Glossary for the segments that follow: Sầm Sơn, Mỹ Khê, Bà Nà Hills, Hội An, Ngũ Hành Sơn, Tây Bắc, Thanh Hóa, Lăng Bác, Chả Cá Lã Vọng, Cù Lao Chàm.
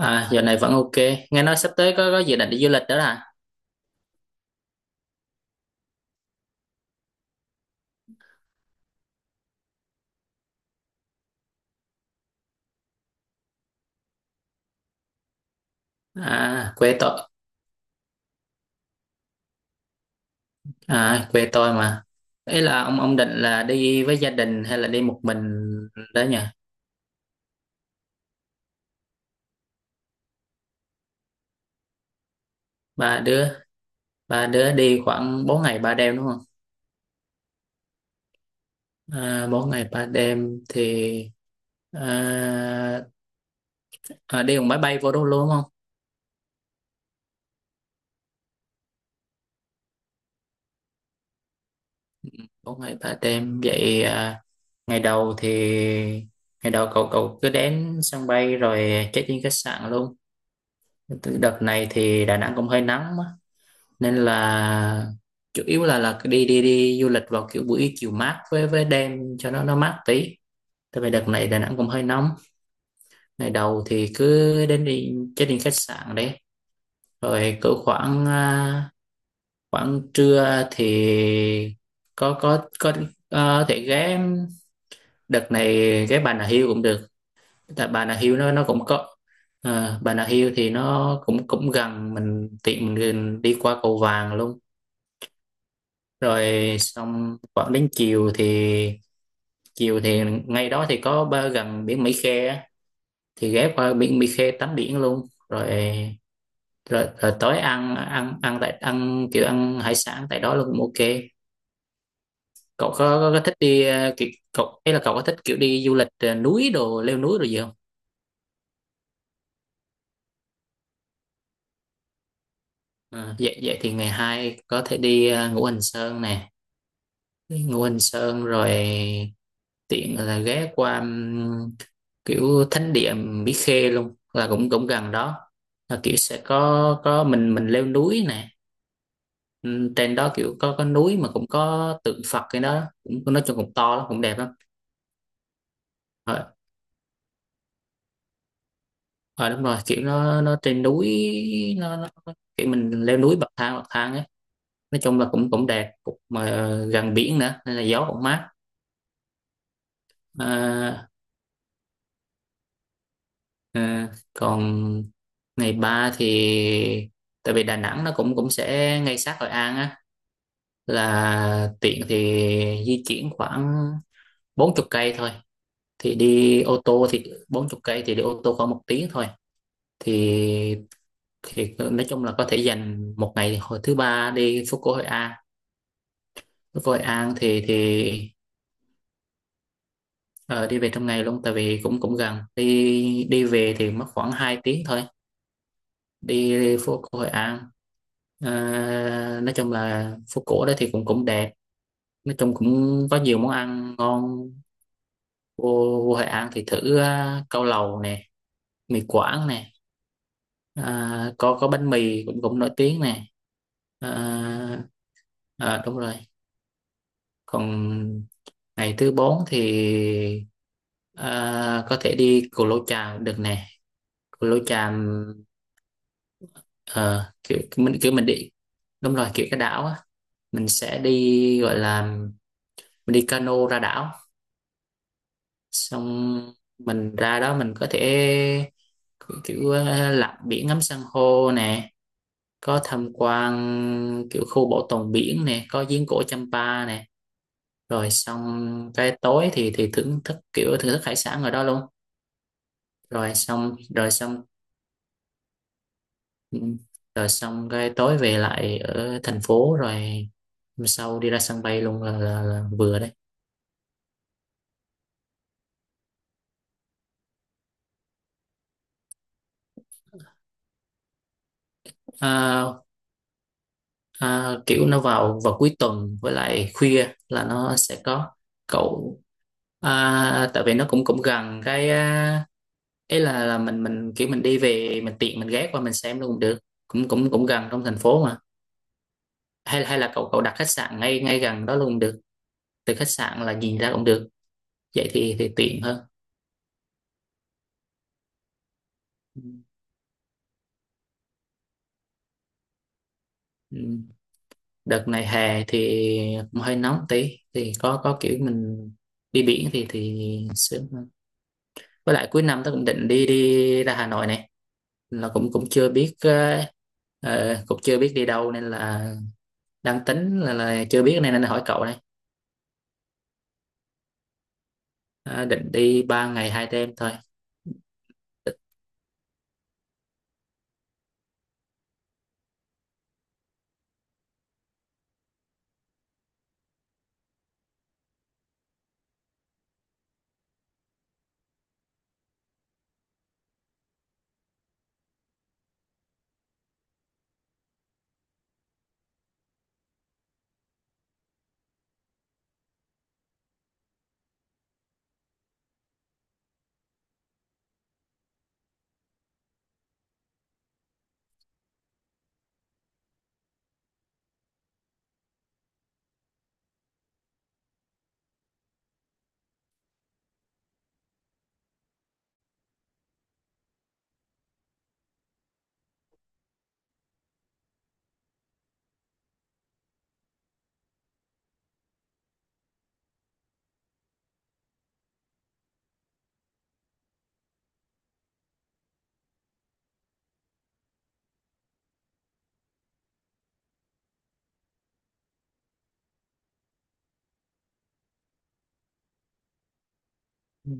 Giờ này vẫn ok. Nghe nói sắp tới có dự định đi du lịch đó là, quê tôi, quê tôi mà. Ý là ông định là đi với gia đình hay là đi một mình đó nhỉ? Ba đứa, ba đứa đi khoảng 4 ngày ba đêm đúng không? À, 4 ngày 3 đêm thì, à, đi bằng máy bay vô đó luôn đúng không? Bốn ngày 3 đêm vậy à, ngày đầu thì ngày đầu cậu cậu cứ đến sân bay rồi check in khách sạn luôn. Đợt này thì Đà Nẵng cũng hơi nắng nên là chủ yếu là đi đi đi du lịch vào kiểu buổi chiều mát với đêm cho nó mát tí, tại vì đợt này Đà Nẵng cũng hơi nóng. Ngày đầu thì cứ đến đi check in khách sạn đấy, rồi cỡ khoảng, khoảng trưa thì có có có thể ghé, đợt này ghé Bà Nà Hills cũng được. Tại Bà Nà Hills nó cũng có, Bà Nà Hills thì nó cũng cũng gần mình, tiện mình đi qua cầu Vàng luôn. Rồi xong khoảng đến chiều thì, chiều thì ngay đó thì có ba gần biển Mỹ Khê á, thì ghé qua biển Mỹ Khê tắm biển luôn rồi. Rồi tối ăn, ăn ăn tại ăn kiểu ăn hải sản tại đó luôn cũng ok. Cậu có thích đi, ờ, kiểu, cậu ấy là cậu có thích kiểu đi du lịch, núi đồ leo núi rồi gì không? Ờ, vậy vậy thì ngày hai có thể đi, Ngũ Hành Sơn nè. Đi Ngũ Hành Sơn rồi tiện là ghé qua, kiểu thánh địa Mỹ Khê luôn, là cũng cũng gần đó, là kiểu sẽ có mình leo núi nè. Trên đó kiểu có núi mà cũng có tượng Phật, cái đó cũng nói chung cũng to lắm cũng đẹp lắm. Rồi, rồi đúng rồi, kiểu nó trên núi, nó kiểu mình leo núi bậc thang ấy. Nói chung là cũng cũng đẹp cũng, mà gần biển nữa nên là gió cũng mát. à, Còn ngày 3 thì, tại vì Đà Nẵng nó cũng cũng sẽ ngay sát Hội An á, là tiện thì di chuyển khoảng bốn chục cây thôi. Thì đi ô tô thì bốn chục cây thì đi ô tô khoảng một tiếng thôi, thì nói chung là có thể dành một ngày hồi thứ ba đi phố cổ Hội An. Phố cổ Hội An thì, đi về trong ngày luôn, tại vì cũng cũng gần, đi đi về thì mất khoảng 2 tiếng thôi. Đi phố cổ Hội An. Ờ, nói chung là phố cổ đó thì cũng cũng đẹp, nói chung cũng có nhiều món ăn ngon. vô, Vô Hội An thì thử, cao lầu nè, mì Quảng nè, có bánh mì cũng cũng nổi tiếng nè. à, Đúng rồi. Còn ngày thứ bốn thì, có thể đi Cù Lao Chàm được nè. Cù Lao Chàm, ờ, kiểu mình đi, đúng rồi, kiểu cái đảo á. Mình sẽ đi gọi là, mình đi cano ra đảo, xong mình ra đó mình có thể, kiểu lặn biển ngắm san hô nè, có tham quan kiểu khu bảo tồn biển nè, có giếng cổ Champa nè. Rồi xong cái tối thì, thưởng thức hải sản ở đó luôn. Rồi xong. ừ, Rồi xong cái tối về lại ở thành phố, rồi hôm sau đi ra sân bay luôn là, vừa đấy. à, Kiểu nó vào vào cuối tuần với lại khuya là nó sẽ có, cậu... Tại vì nó cũng cũng gần cái, ấy là mình kiểu mình đi về mình tiện mình ghé qua mình xem luôn cũng được, cũng cũng cũng gần trong thành phố mà. Hay Hay là cậu cậu đặt khách sạn ngay ngay gần đó luôn cũng được, từ khách sạn là nhìn ra cũng được. Vậy Thì tiện hơn. Ừ. Đợt này hè thì cũng hơi nóng tí thì có kiểu mình đi biển thì sướng hơn. Với lại cuối năm tớ cũng định đi đi ra Hà Nội này, là cũng cũng chưa biết, cũng chưa biết đi đâu nên là đang tính, là chưa biết nên nên hỏi cậu đây. À, định đi ba ngày hai đêm thôi. Ừ.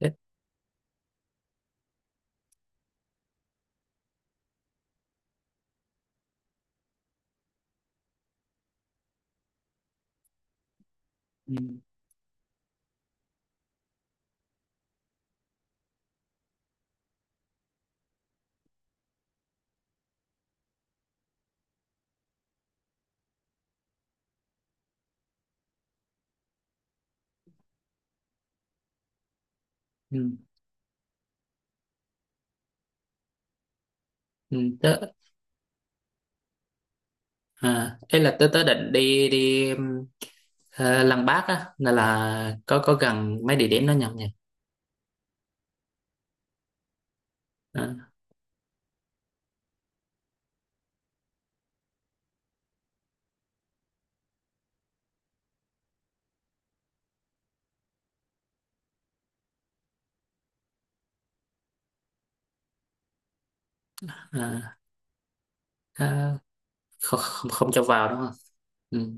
Thế- ừ. Ừ. Ừ. Ấy là tớ tớ định đi, Lăng Bác á, là có gần mấy địa điểm đó nhầm nhỉ? à, à, à, Không, không, không cho vào đúng không? Ừ.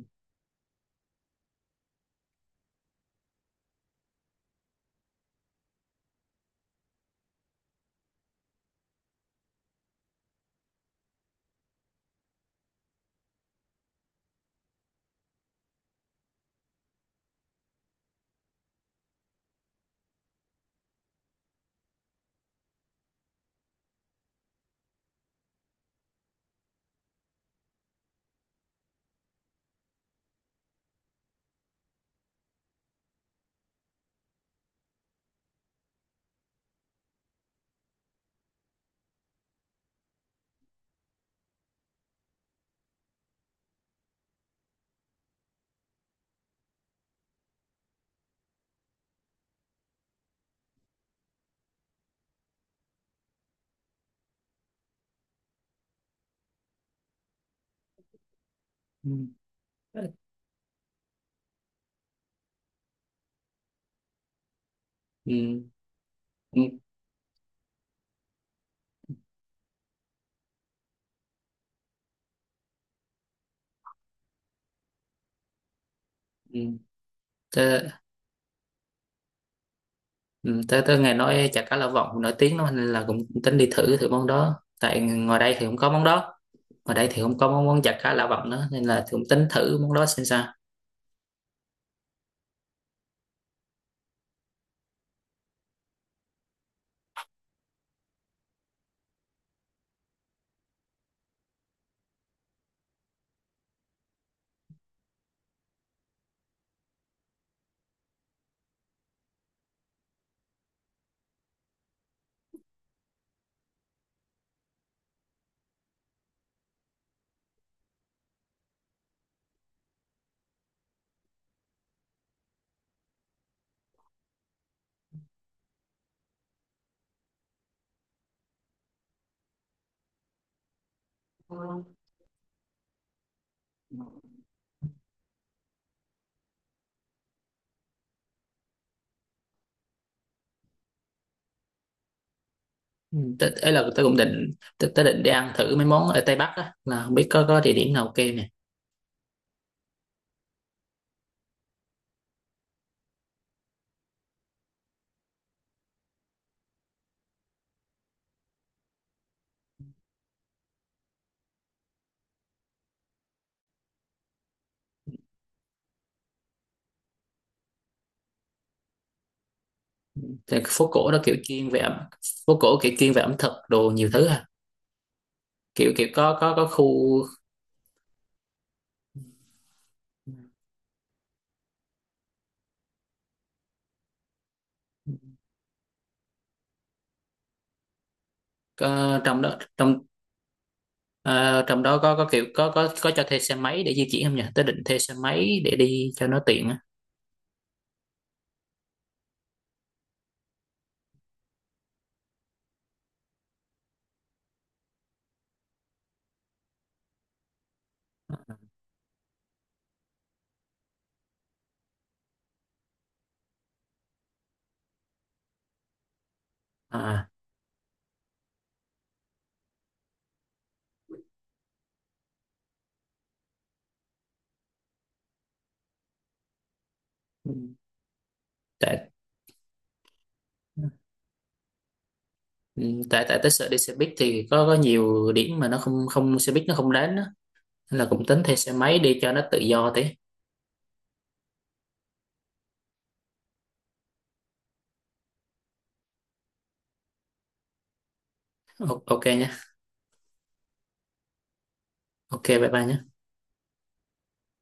Ừ. Ừ. Ừ. Ừ. Tớ, ừ. tớ Tớ nghe nói chả cá Lã Vọng nổi tiếng lắm nên là cũng tính đi thử thử món đó, tại ngoài đây thì cũng có món đó, ở đây thì không có món món giặt cá lạ vặt nữa nên là thì cũng tính thử món đó xem sao. Ừ. Ấy là tôi cũng định, tôi định đi ăn thử mấy món ở Tây Bắc á, là không biết có địa điểm nào ok nè. Thì cái phố cổ đó kiểu chuyên về ẩm Phố cổ kiểu chuyên về ẩm thực đồ nhiều thứ à? Kiểu kiểu có khu, có, trong đó trong ờ, trong đó có kiểu có cho thuê xe máy để di chuyển không nhỉ? Tôi định thuê xe máy để đi cho nó tiện á. À. Tại Ừ, tại tại tới sợ đi xe buýt thì có nhiều điểm mà nó không không, xe buýt nó không đến đó. Nên là cũng tính thuê xe máy đi cho nó tự do tí. Ok nhé. Ok bye bye nhé.